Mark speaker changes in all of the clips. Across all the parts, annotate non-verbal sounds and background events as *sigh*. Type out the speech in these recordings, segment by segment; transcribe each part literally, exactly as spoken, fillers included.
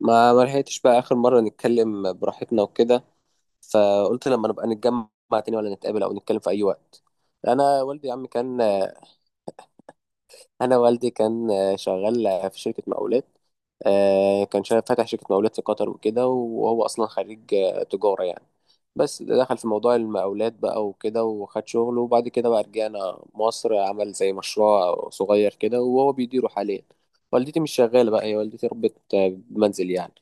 Speaker 1: ما ما لحقتش بقى اخر مره نتكلم براحتنا وكده، فقلت لما نبقى نتجمع تاني، ولا نتقابل او نتكلم في اي وقت. انا والدي يا عم كان انا والدي كان شغال في شركه مقاولات. آه، كان شغال فاتح شركه مقاولات في قطر وكده، وهو اصلا خريج آه، تجاره يعني. بس دخل في موضوع المقاولات بقى وكده وخد شغل، وبعد كده بقى رجعنا مصر، عمل زي مشروع صغير كده وهو بيديره حاليا. والدتي مش شغاله بقى، هي والدتي ربت آه، بمنزل يعني.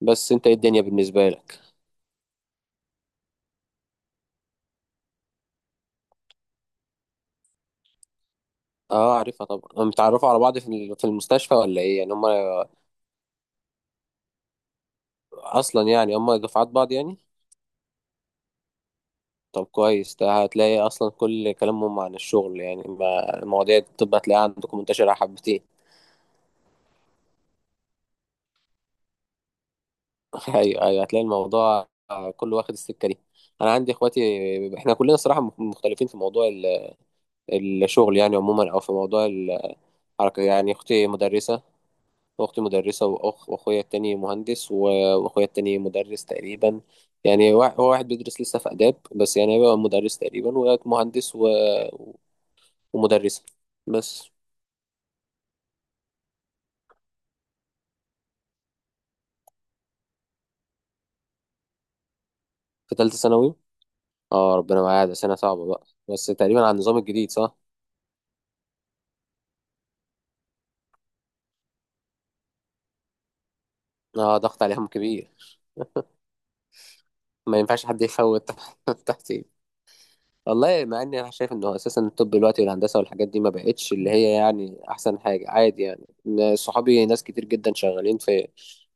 Speaker 1: بس انت ايه الدنيا بالنسبه لك؟ اه عارفها طبعا. هم متعرفوا على بعض في ال- في المستشفى، ولا ايه يعني هم اصلا؟ يعني هم دفعات بعض يعني؟ طب كويس، ده هتلاقي اصلا كل كلامهم عن الشغل يعني، ما المواضيع دي الطب هتلاقيها عندكم منتشرة حبتين. *laughs* ايوه ايوه، هتلاقي الموضوع كله واخد السكة دي. انا عندي اخواتي، احنا كلنا صراحة مختلفين في موضوع ال- الشغل يعني عموما، او في موضوع الحركة يعني. اختي مدرسة، واختي مدرسة وأخ وأخويا التاني مهندس و- وأخويا التاني مدرس تقريبا يعني، وا- هو واحد بيدرس لسه في آداب، بس يعني هيبقى مدرس تقريبا. ومهندس و... ومدرسة بس. في تالتة ثانوي. اه، ربنا معايا، ده سنة صعبة بقى، بس تقريبا على النظام الجديد صح؟ اه، ضغط عليهم كبير، ما ينفعش حد يفوت. *laughs* تحت. والله مع اني انا شايف انه اساسا الطب دلوقتي والهندسه والحاجات دي ما بقتش اللي هي يعني احسن حاجه، عادي يعني. إن صحابي ناس كتير جدا شغالين في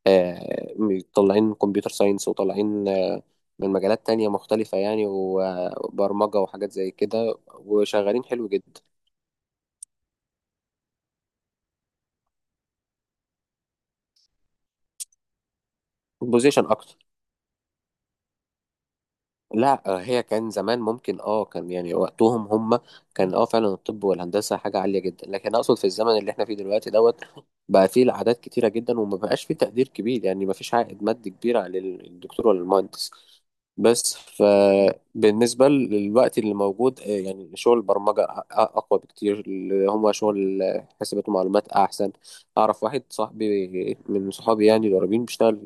Speaker 1: آه، طالعين كمبيوتر ساينس، وطالعين آه، من مجالات تانية مختلفة يعني، وبرمجة وحاجات زي كده، وشغالين حلو جدا. بوزيشن أكتر. لا آه، هي كان زمان ممكن، اه كان يعني وقتهم هم كان اه فعلا الطب والهندسه حاجه عاليه جدا، لكن اقصد في الزمن اللي احنا فيه دلوقتي دوت بقى فيه العادات كتيره جدا، وما بقاش فيه تقدير كبير يعني، ما فيش عائد مادي كبير على الدكتور ولا المهندس. بس فبالنسبه للوقت اللي موجود آه، يعني شغل البرمجه أ- أ- اقوى بكتير، اللي هم شغل حاسبات ومعلومات احسن. اعرف واحد صاحبي من صحابي يعني القريبين بيشتغل،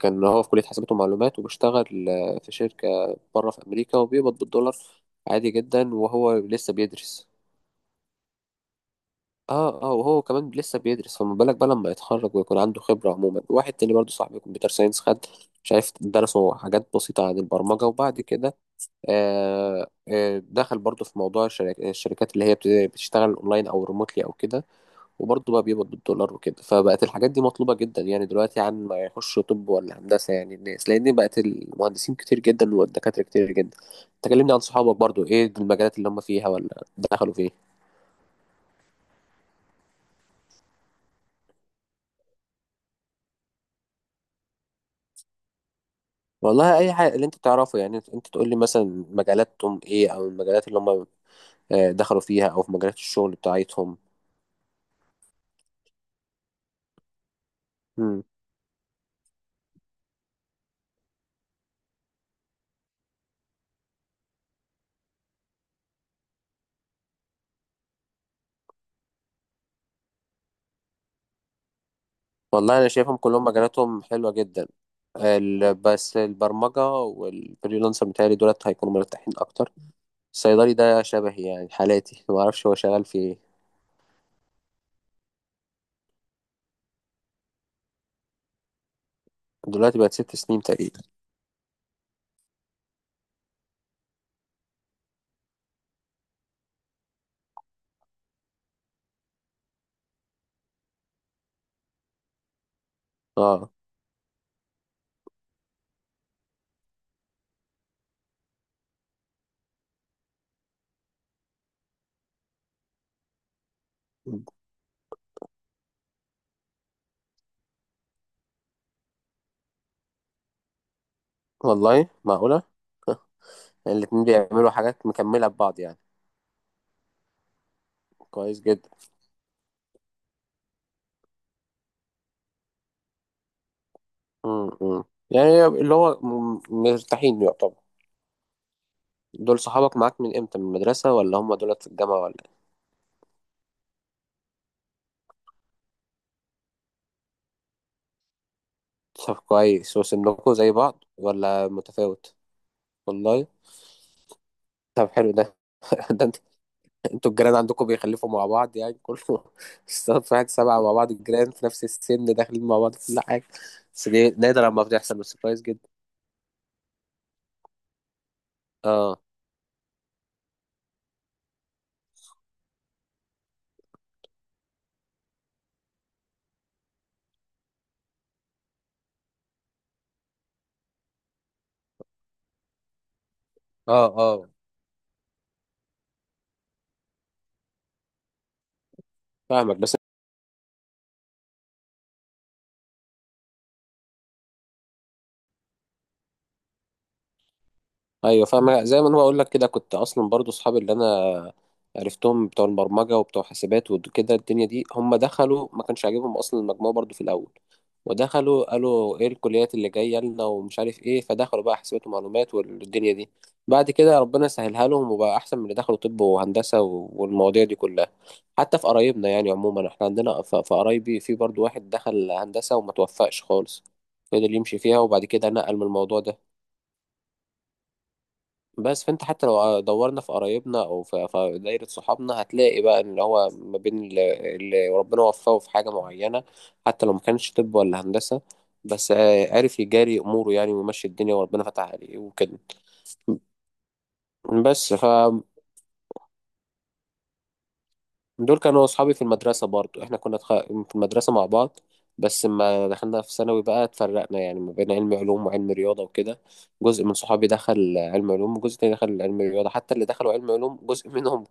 Speaker 1: كان هو في كلية حسابات ومعلومات، وبيشتغل آه، في شركة بره في أمريكا، وبيقبض بالدولار عادي جدا، وهو لسه بيدرس. اه اه، وهو كمان لسه بيدرس، فما بالك بقى لما يتخرج ويكون عنده خبرة. عموما واحد تاني برضه صاحبي كمبيوتر ساينس، خد شايف درسوا حاجات بسيطة عن البرمجة، وبعد كده آه آه دخل برضه في موضوع الشرك- الشركات اللي هي بت- بتشتغل اونلاين او ريموتلي او كده، وبرضه بقى بيقبض بالدولار وكده. فبقت الحاجات دي مطلوبة جدا يعني دلوقتي، عن ما يخش طب ولا هندسة يعني الناس، لأن بقت المهندسين كتير جدا والدكاترة كتير جدا. تكلمني عن صحابك برضه، إيه المجالات اللي هم فيها ولا دخلوا فيه؟ والله أي حاجة اللي أنت تعرفه يعني، أنت تقول لي مثلا مجالاتهم إيه، أو المجالات اللي هم آه، دخلوا فيها، أو في مجالات الشغل بتاعتهم. مم. والله أنا شايفهم كلهم مجالاتهم حلوة جدا. ال- بس البرمجة والفريلانسر بتاعي دولت هيكونوا مرتاحين أكتر. الصيدلي ده شبهي يعني حالاتي، ما اعرفش هو شغال في ايه دلوقتي. بقت ست سنين تقريبا. اه. والله معقولة؟ *laughs* الاتنين بيعملوا حاجات مكملة ببعض يعني. كويس جدا. امم يعني اللي هو م- مرتاحين يعتبر. دول صحابك معاك من امتى؟ من المدرسة، ولا هم دول في الجامعة، ولا إيه؟ طب كويس، وسنكوا زي بعض ولا متفاوت؟ والله. طب حلو ده. *laughs* ده انتوا الجيران عندكم بيخلفوا مع بعض يعني كله؟ *laughs* السبب في واحد سبعة مع بعض، الجيران في نفس السن داخلين مع بعض في كل حاجة، بس دي نادر لما بتحصل، بس كويس جدا. اه اه اه، فاهمك بس. ايوه فاهم، زي ما انا بقول لك كده، كنت اصلا برضو اصحابي اللي انا عرفتهم بتوع البرمجه وبتوع حاسبات وكده الدنيا دي، هم دخلوا ما كانش عاجبهم اصلا المجموع برضو في الاول، ودخلوا قالوا ايه الكليات اللي جايه لنا ومش عارف ايه، فدخلوا بقى حاسبات ومعلومات والدنيا دي. بعد كده ربنا سهلها لهم وبقى احسن من اللي دخلوا طب وهندسه و- والمواضيع دي كلها. حتى في قرايبنا يعني عموما، احنا عندنا ف- في قرايبي في برضو واحد دخل هندسه وما توفقش خالص، فضل يمشي فيها وبعد كده نقل من الموضوع ده. بس فانت حتى لو دورنا في قرايبنا او في في دايره صحابنا، هتلاقي بقى ان هو ما بين اللي اللي ربنا وفقه في حاجه معينه، حتى لو ما كانش طب ولا هندسه، بس آه، عارف يجاري اموره يعني ويمشي الدنيا وربنا فتح عليه وكده. بس فدول كانوا اصحابي في المدرسه برضو، احنا كنا تخ... في المدرسه مع بعض، بس لما دخلنا في ثانوي بقى اتفرقنا، يعني ما بين علم علوم وعلم رياضه وكده. جزء من صحابي دخل علم علوم، وجزء تاني دخل علم رياضه، حتى اللي دخلوا علم علوم جزء منهم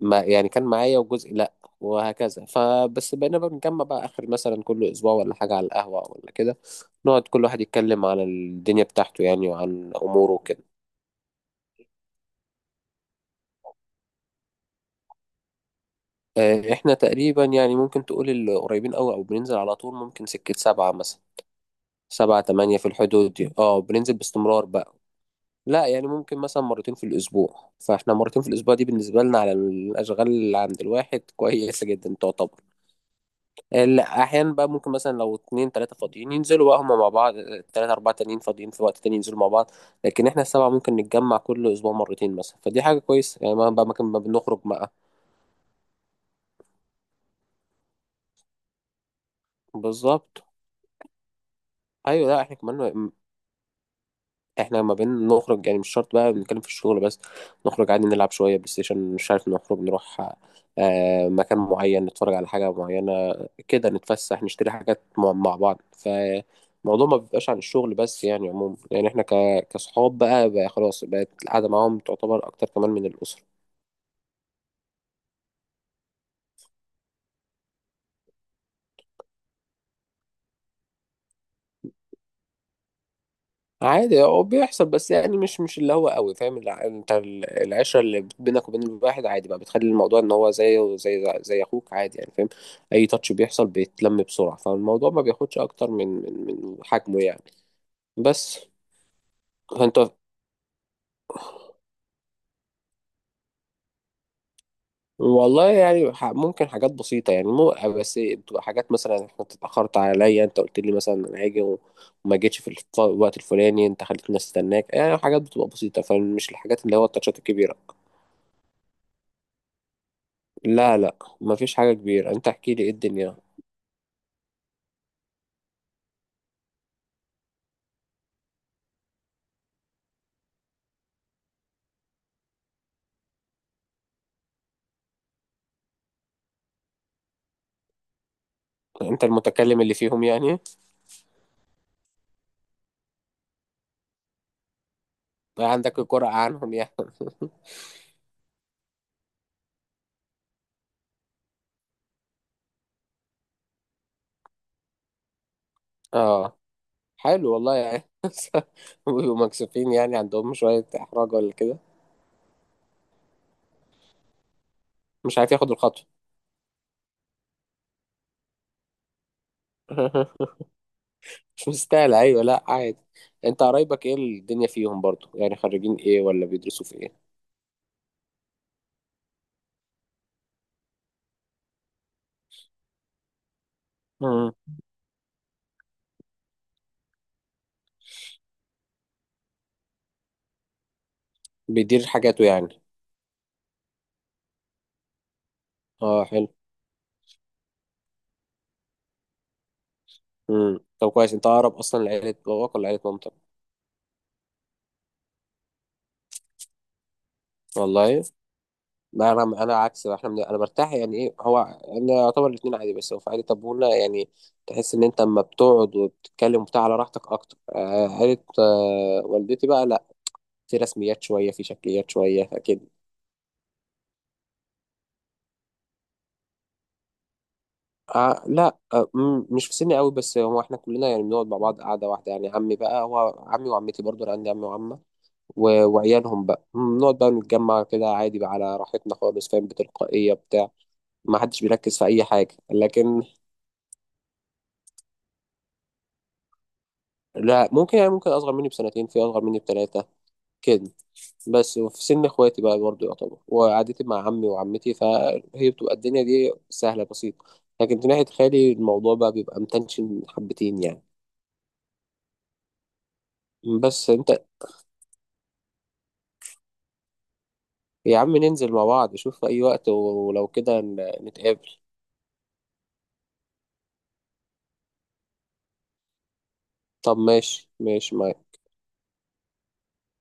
Speaker 1: ما يعني كان معايا وجزء لا، وهكذا. فبس بقينا بقى بنجمع بقى اخر مثلا كل اسبوع ولا حاجه على القهوه ولا كده، نقعد كل واحد يتكلم على الدنيا بتاعته يعني، وعن اموره وكده. آه، احنا تقريبا يعني ممكن تقول القريبين قوي او بننزل على طول ممكن سكه سبعة مثلا. سبعة تمانية في الحدود دي، اه بننزل باستمرار بقى. لا يعني ممكن مثلا مرتين في الاسبوع، فاحنا مرتين في الاسبوع دي بالنسبه لنا على الاشغال اللي عند الواحد كويسه جدا تعتبر. لا احيانا بقى ممكن مثلا لو اتنين تلاتة فاضيين ينزلوا بقى هما مع بعض، تلاتة اربعة تانيين فاضيين في وقت تاني ينزلوا مع بعض، لكن احنا السبعة ممكن نتجمع كل اسبوع مرتين مثلا، فدي حاجة كويسة يعني، ما بقى ما كان- ما بنخرج بقى. بالظبط. ايوه لا احنا كمان، احنا ما بين نخرج يعني مش شرط بقى بنتكلم في الشغل بس، نخرج عادي نلعب شوية بلاي ستيشن، مش عارف نخرج نروح آه، مكان معين نتفرج على حاجة معينة كده، نتفسح نشتري حاجات مع مع بعض. فالموضوع ما بيبقاش عن الشغل بس يعني، عموما يعني احنا ك- كصحاب بقى, بقى خلاص بقت القعدة معاهم تعتبر أكتر كمان من الأسرة. عادي هو بيحصل، بس يعني مش مش اللي هو قوي فاهم الع- انت ال- العشره اللي بينك وبين الواحد عادي بقى بتخلي الموضوع ان هو زيه زي زي اخوك عادي يعني فاهم. اي تاتش بيحصل بيتلم بسرعه، فالموضوع ما بياخدش اكتر من من من حجمه يعني. بس فانت. والله يعني ح- ممكن حاجات بسيطه يعني، مو بس بتبقى حاجات مثلا انت اتاخرت عليا، انت قلت لي مثلا انا هاجي و- وما جيتش في الف- الوقت الفلاني، انت خليتني استناك يعني. حاجات بتبقى بسيطه، فمش الحاجات اللي هو التاتشات الكبيره. لا لا مفيش حاجة كبيرة، انت احكي لي ايه الدنيا. انت المتكلم اللي فيهم يعني؟ عندك القرعة عنهم يعني؟ اه حلو والله يعني. *laughs* بيبقوا مكسوفين يعني، عندهم شوية احراج ولا كده؟ مش عارف ياخد الخطوة. *laughs* مش مستاهل. ايوه لا عادي. انت قرايبك ايه الدنيا فيهم برضو يعني، خريجين ايه ولا بيدرسوا في ايه؟ مم. بيدير حاجاته يعني. اه حلو. مم. طب كويس، انت اقرب اصلا لعيلة باباك ولا عيلة مامتك؟ والله. ما انا انا عكس بقى، احنا من... انا برتاح يعني. ايه هو انا يعتبر الاتنين عادي، بس هو في عائله طبولة يعني، تحس ان انت اما بتقعد وبتتكلم وبتاع على راحتك اكتر، آه، عائله آه، والدتي بقى لا، في رسميات شويه، في شكليات شويه كده. آه لا آه مم، مش في سني قوي، بس هو احنا كلنا يعني بنقعد مع بعض قعده واحده يعني. عمي بقى هو عمي وعمتي برضو، انا عندي عمي وعمه و- وعيالهم بقى مم، بنقعد بقى نتجمع كده عادي بقى على راحتنا خالص، فاهم، بتلقائيه بتاع. ما حدش بيركز في اي حاجه لكن. لا ممكن يعني، ممكن اصغر مني بسنتين، في اصغر مني بثلاثه كده. بس في سن اخواتي بقى برضه يعتبر، وقعدتي مع عمي وعمتي فهي بتبقى الدنيا دي سهله بسيطه، لكن في ناحيه خالي الموضوع بقى بيبقى متنشن حبتين يعني. بس انت. يا عم ننزل مع بعض، شوف في اي وقت، ولو كده ن- نتقابل. طب ماشي ماشي ما